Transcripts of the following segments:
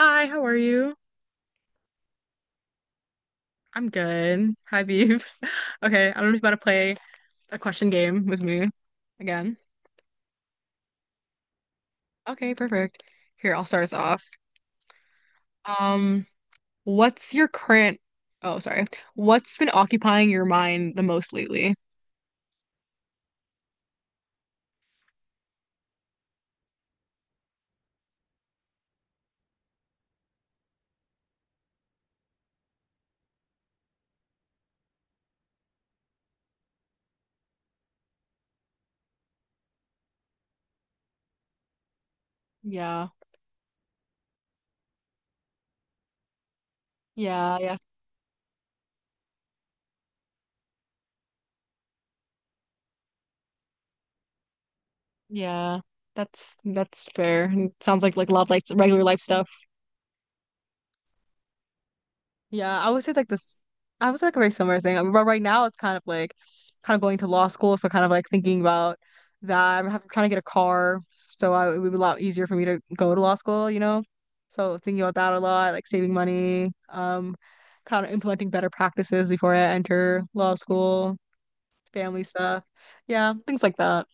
Hi, how are you? I'm good. Hi, Beef. Okay, I don't know if you want to play a question game with me again. Okay, perfect. Here, I'll start us off. Um, what's your current, oh, sorry. What's been occupying your mind the most lately? Yeah, yeah, yeah, yeah. That's fair. It sounds like love, like regular life stuff. Yeah, I would say like this. I would say like a very similar thing. I mean, but right now, it's kind of like kind of going to law school, so kind of like thinking about that. Trying to get a car, so it would be a lot easier for me to go to law school. So thinking about that a lot, like saving money, kind of implementing better practices before I enter law school, family stuff, yeah, things like that.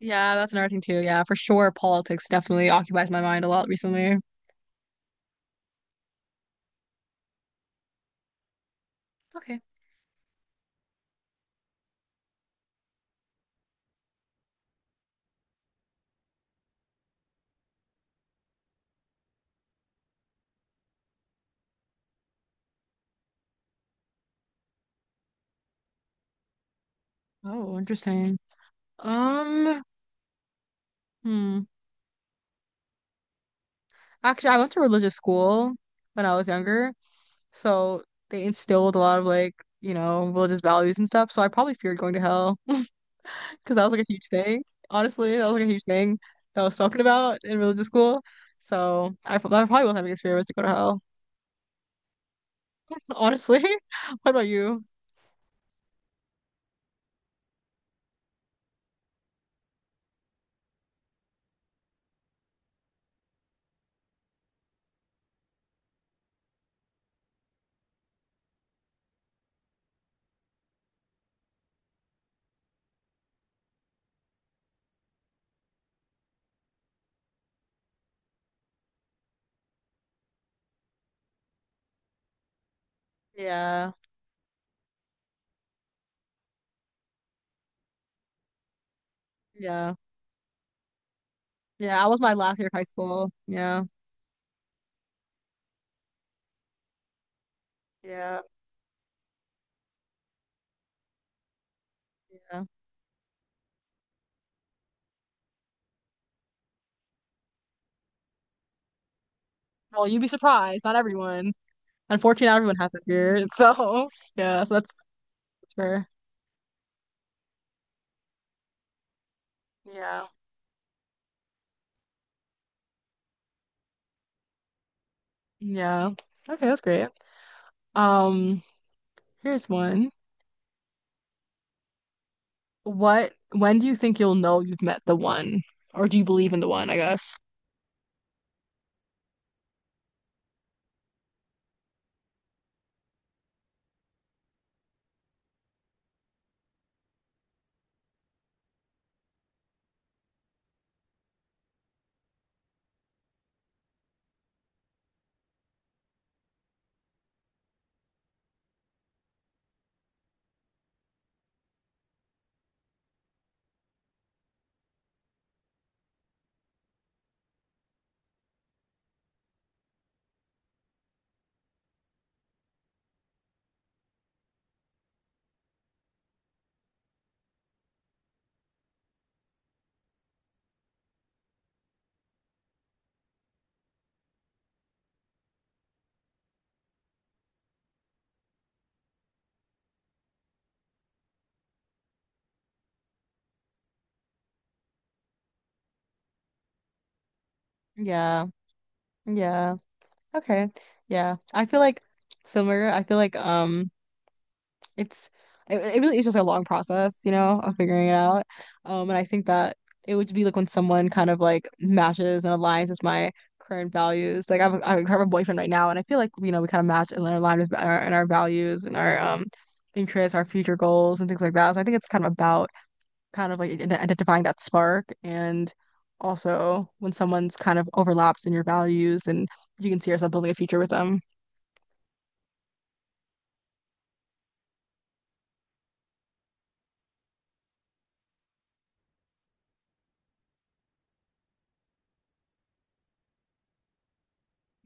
Yeah, that's another thing too. Yeah, for sure, politics definitely occupies my mind a lot recently. Okay. Oh, interesting. Um, hmm. Actually, I went to religious school when I was younger, so they instilled a lot of like, you know, religious values and stuff. So I probably feared going to hell because that was like a huge thing. Honestly, that was like a huge thing that I was talking about in religious school. So I probably was having biggest fear was to go to hell. Honestly, what about you? Yeah, yeah, yeah. I was my last year of high school. Yeah, yeah, yeah. Well, you'd be surprised. Not everyone. Unfortunately, not everyone has that fear. So yeah, so that's fair. Yeah. Yeah. Okay, that's great. Um, here's one. What, when do you think you'll know you've met the one? Or do you believe in the one, I guess? Yeah. Yeah. Okay. Yeah. I feel like similar. I feel like it's it really is just a long process, you know, of figuring it out. And I think that it would be like when someone kind of like matches and aligns with my current values. Like I have I have a boyfriend right now, and I feel like you know we kind of match and align with our values and our interests, our future goals, and things like that. So I think it's kind of about kind of like identifying that spark and also when someone's kind of overlaps in your values and you can see yourself building a future with them.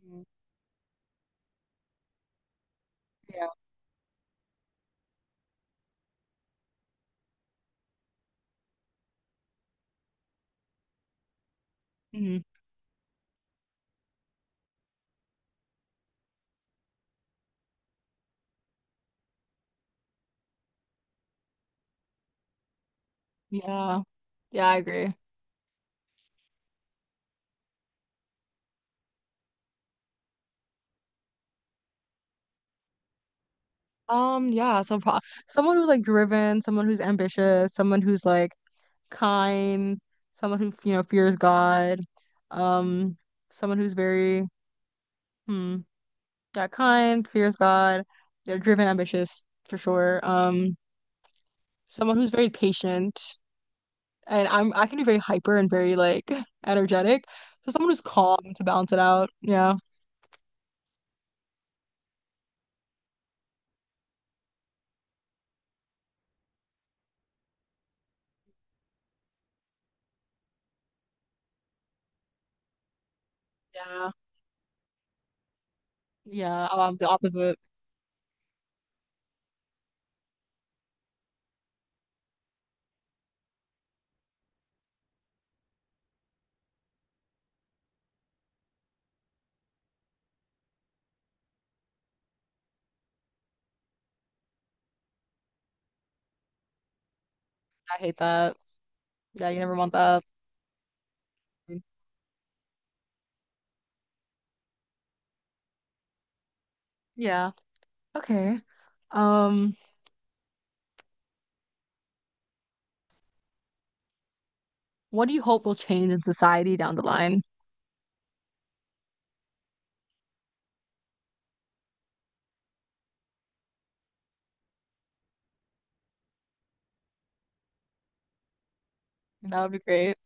Mhm. Yeah. Mhm. Yeah. Yeah, I agree. Yeah, so pro someone who's like driven, someone who's ambitious, someone who's like kind, someone who, you know, fears God, um, someone who's very, hmm, yeah, kind, fears God, they're driven, ambitious for sure. Someone who's very patient, and I can be very hyper and very like energetic. So someone who's calm to balance it out. Yeah, yeah, yeah. The opposite. I hate that. Yeah, you never want that. Yeah. Okay. Um. What do you hope will change in society down the line? That would be great.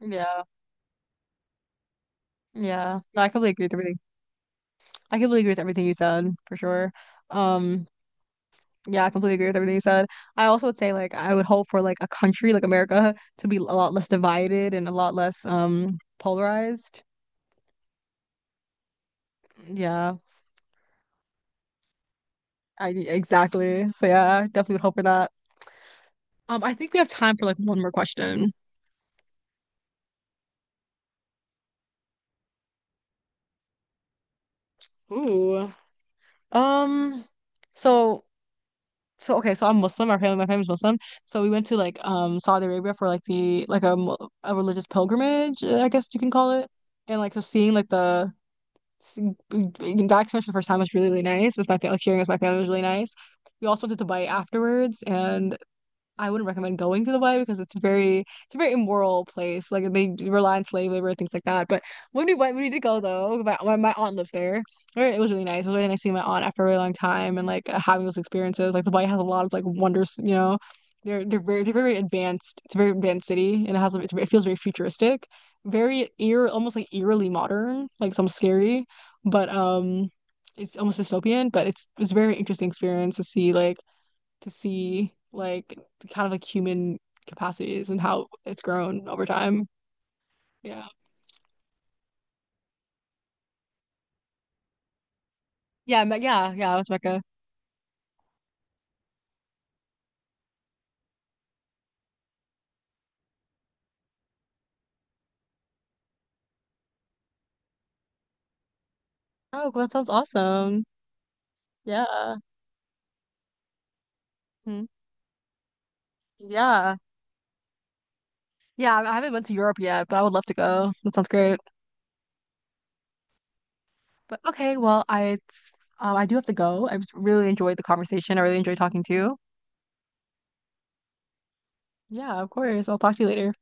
Yeah. Yeah. No, I completely agree with everything. I completely agree with everything you said, for sure. Um, yeah, I completely agree with everything you said. I also would say like I would hope for like a country like America to be a lot less divided and a lot less polarized. Yeah. I exactly. So yeah, I definitely would hope for that. I think we have time for like one more question. Ooh. Um, so So okay, so I'm Muslim. Our family, my family's Muslim. So we went to like Saudi Arabia for like the like a a religious pilgrimage, I guess you can call it. And like so seeing seeing- that experience for the first time was really really nice. With my family, like sharing with my family was really nice. We also went to Dubai afterwards, and I wouldn't recommend going to the Y because it's a very immoral place. Like they do rely on slave labor and things like that. But when we went, we did go though. My aunt lives there. Or it was really nice. It was really nice seeing my aunt after a really long time and like having those experiences. Like the Y has a lot of like wonders. You know, they're very advanced. It's a very advanced city and it feels very futuristic, very eer almost like eerily modern, like some scary, but. It's almost dystopian, but it's a very interesting experience to see like the kind of like human capacities and how it's grown over time. Yeah. Yeah, with Mecca. Oh, well, that sounds awesome. Yeah. Hmm. Yeah. Yeah, I haven't went to Europe yet, but I would love to go. That sounds great. But okay, I do have to go. I just really enjoyed the conversation. I really enjoyed talking to you. Yeah, of course. I'll talk to you later.